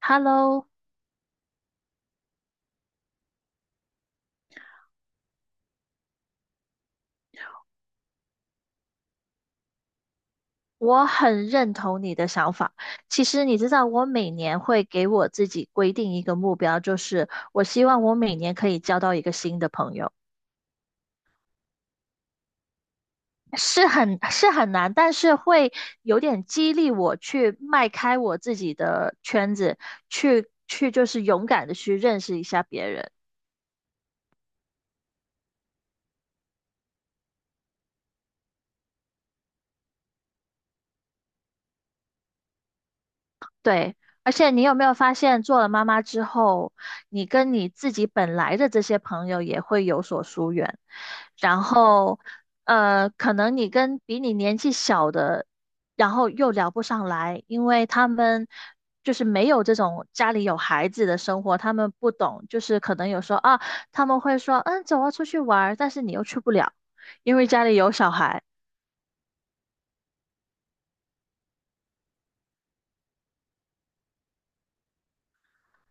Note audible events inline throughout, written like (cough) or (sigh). Hello，我很认同你的想法。其实你知道，我每年会给我自己规定一个目标，就是我希望我每年可以交到一个新的朋友，是很难，但是会有点激励我去迈开我自己的圈子，去就是勇敢的去认识一下别人。对，而且你有没有发现，做了妈妈之后，你跟你自己本来的这些朋友也会有所疏远，然后，可能你跟比你年纪小的，然后又聊不上来，因为他们就是没有这种家里有孩子的生活，他们不懂，就是可能有时候啊，他们会说，嗯，走啊，出去玩儿但是你又去不了，因为家里有小孩。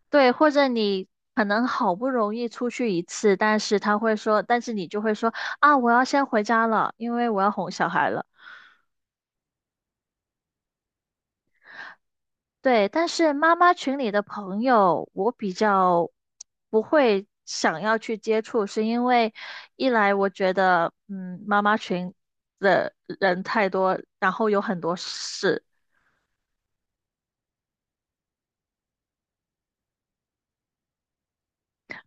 对，或者你可能好不容易出去一次，但是他会说，但是你就会说啊，我要先回家了，因为我要哄小孩了。对，但是妈妈群里的朋友，我比较不会想要去接触，是因为一来我觉得，嗯，妈妈群的人太多，然后有很多事，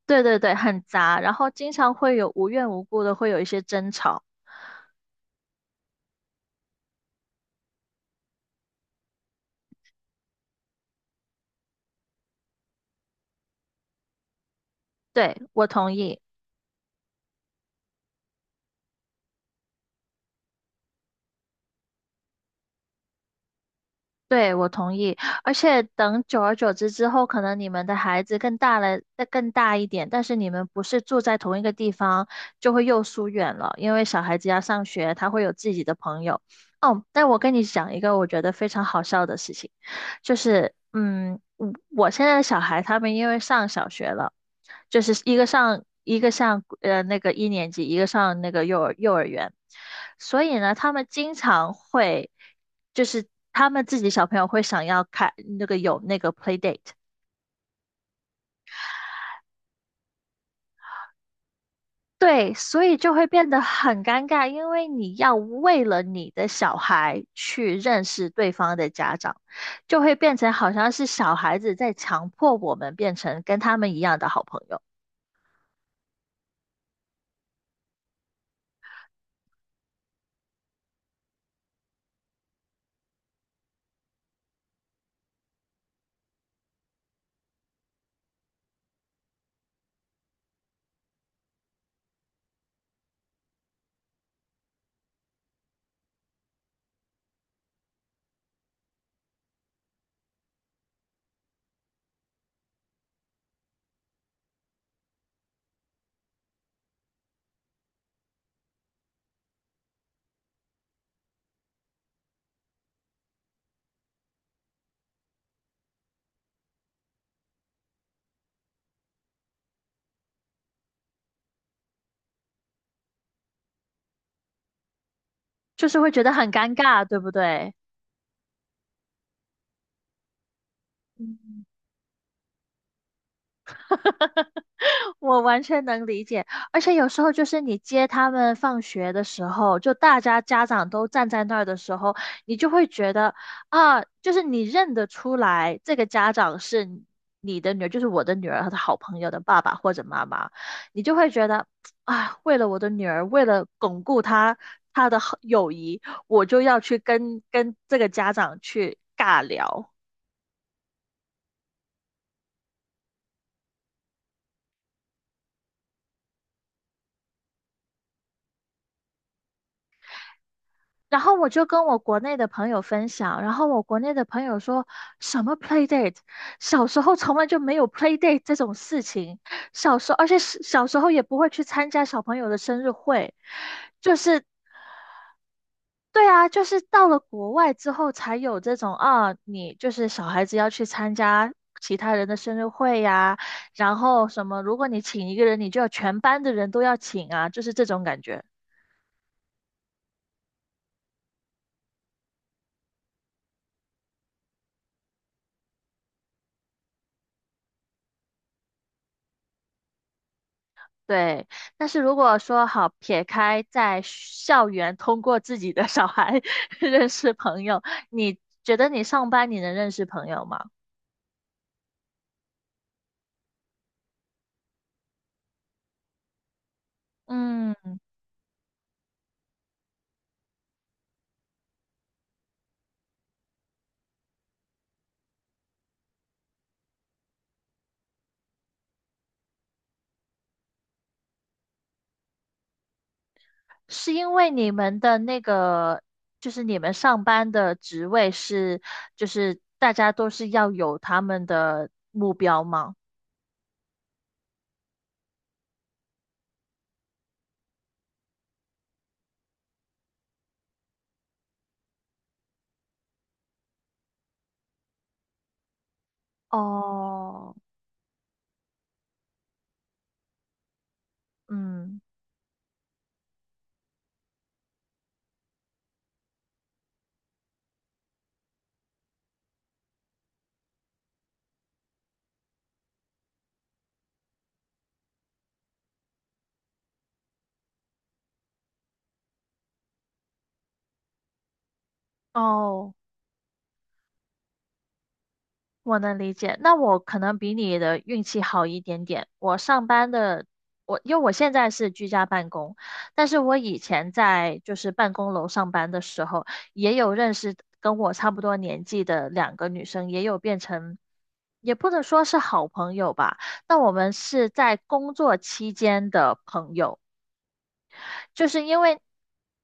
对对对，很杂，然后经常会有无缘无故的会有一些争吵。对，我同意。对，我同意。而且等久而久之之后，可能你们的孩子更大了，再更大一点，但是你们不是住在同一个地方，就会又疏远了。因为小孩子要上学，他会有自己的朋友。哦，但我跟你讲一个我觉得非常好笑的事情。就是我现在的小孩他们因为上小学了，就是一个上那个一年级，一个上那个幼儿园，所以呢，他们经常会就是他们自己小朋友会想要开那个有那个 play date。对，所以就会变得很尴尬，因为你要为了你的小孩去认识对方的家长，就会变成好像是小孩子在强迫我们变成跟他们一样的好朋友。就是会觉得很尴尬，对不对？嗯。 (laughs) 我完全能理解，而且有时候就是你接他们放学的时候，就大家家长都站在那儿的时候，你就会觉得啊，就是你认得出来这个家长是你的女儿，就是我的女儿和她好朋友的爸爸或者妈妈，你就会觉得啊，为了我的女儿，为了巩固她的好友谊，我就要去跟这个家长去尬聊。然后我就跟我国内的朋友分享，然后我国内的朋友说什么 play date，小时候从来就没有 play date 这种事情，小时候而且是小时候也不会去参加小朋友的生日会，就是对啊，就是到了国外之后才有这种啊，你就是小孩子要去参加。其他人的生日会呀、然后什么，如果你请一个人，你就要全班的人都要请啊，就是这种感觉。对，但是如果说好撇开在校园通过自己的小孩 (laughs) 认识朋友，你觉得你上班你能认识朋友吗？嗯，是因为你们的那个，就是你们上班的职位是，就是大家都是要有他们的目标吗？哦，嗯，哦。我能理解，那我可能比你的运气好一点点。我上班的，我因为我现在是居家办公，但是我以前在就是办公楼上班的时候，也有认识跟我差不多年纪的2个女生，也有变成，也不能说是好朋友吧，但我们是在工作期间的朋友。就是因为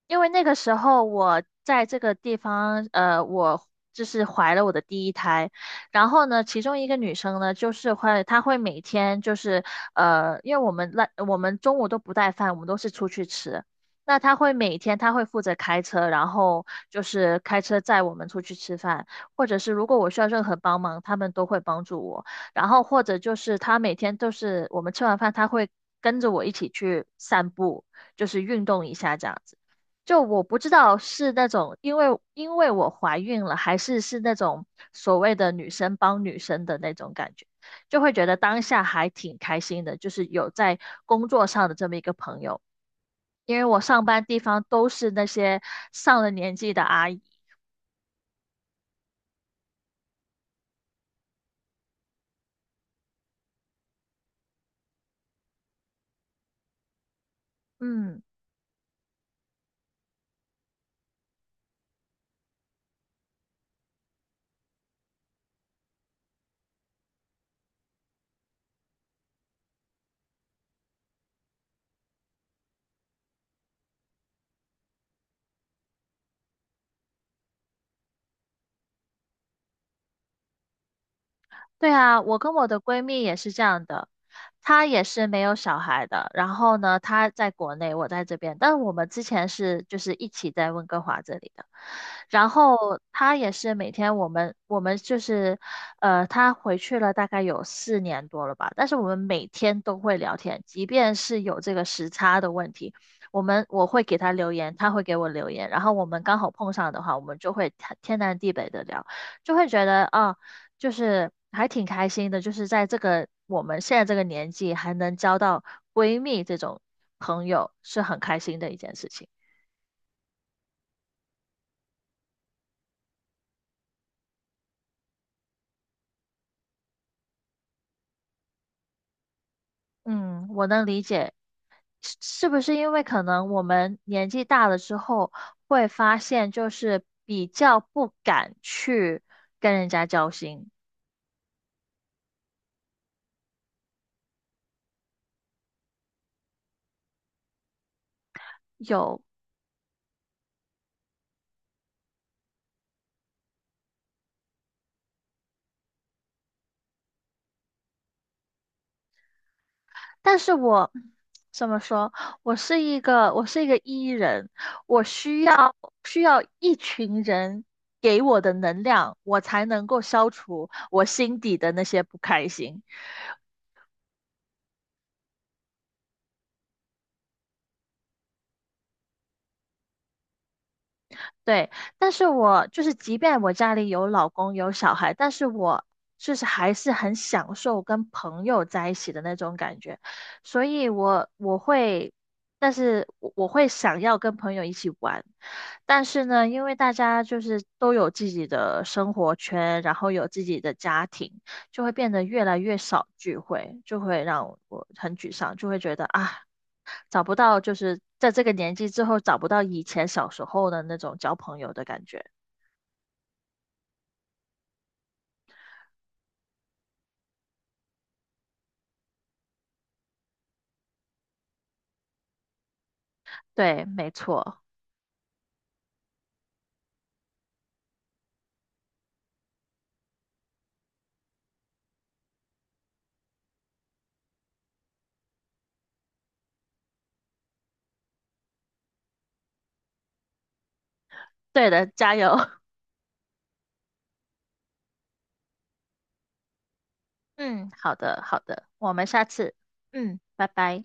因为那个时候我在这个地方，我就是怀了我的第一胎，然后呢，其中一个女生呢，就是会她会每天就是因为我们中午都不带饭，我们都是出去吃。那她会每天，她会负责开车，然后就是开车载我们出去吃饭，或者是如果我需要任何帮忙，他们都会帮助我。然后或者就是他每天都是我们吃完饭，他会跟着我一起去散步，就是运动一下这样子。就我不知道是那种因为我怀孕了，还是那种所谓的女生帮女生的那种感觉，就会觉得当下还挺开心的，就是有在工作上的这么一个朋友，因为我上班地方都是那些上了年纪的阿姨，嗯。对啊，我跟我的闺蜜也是这样的，她也是没有小孩的。然后呢，她在国内，我在这边，但是我们之前是就是一起在温哥华这里的。然后她也是每天我们就是，她回去了大概有4年多了吧，但是我们每天都会聊天，即便是有这个时差的问题，我会给她留言，她会给我留言，然后我们刚好碰上的话，我们就会天南地北的聊。就会觉得啊、就是还挺开心的，就是在这个我们现在这个年纪还能交到闺蜜这种朋友，是很开心的一件事情。嗯，我能理解，是不是因为可能我们年纪大了之后，会发现就是比较不敢去跟人家交心，有。但是我怎么说？我是一个 E 人，我需要一群人给我的能量，我才能够消除我心底的那些不开心。对，但是我就是，即便我家里有老公有小孩，但是我就是还是很享受跟朋友在一起的那种感觉，所以我会，但是我会想要跟朋友一起玩，但是呢，因为大家就是都有自己的生活圈，然后有自己的家庭，就会变得越来越少聚会，就会让我很沮丧，就会觉得啊，找不到，就是在这个年纪之后找不到以前小时候的那种交朋友的感觉。对，没错，对的，加油。(laughs) 嗯，好的，好的，我们下次，嗯，拜拜。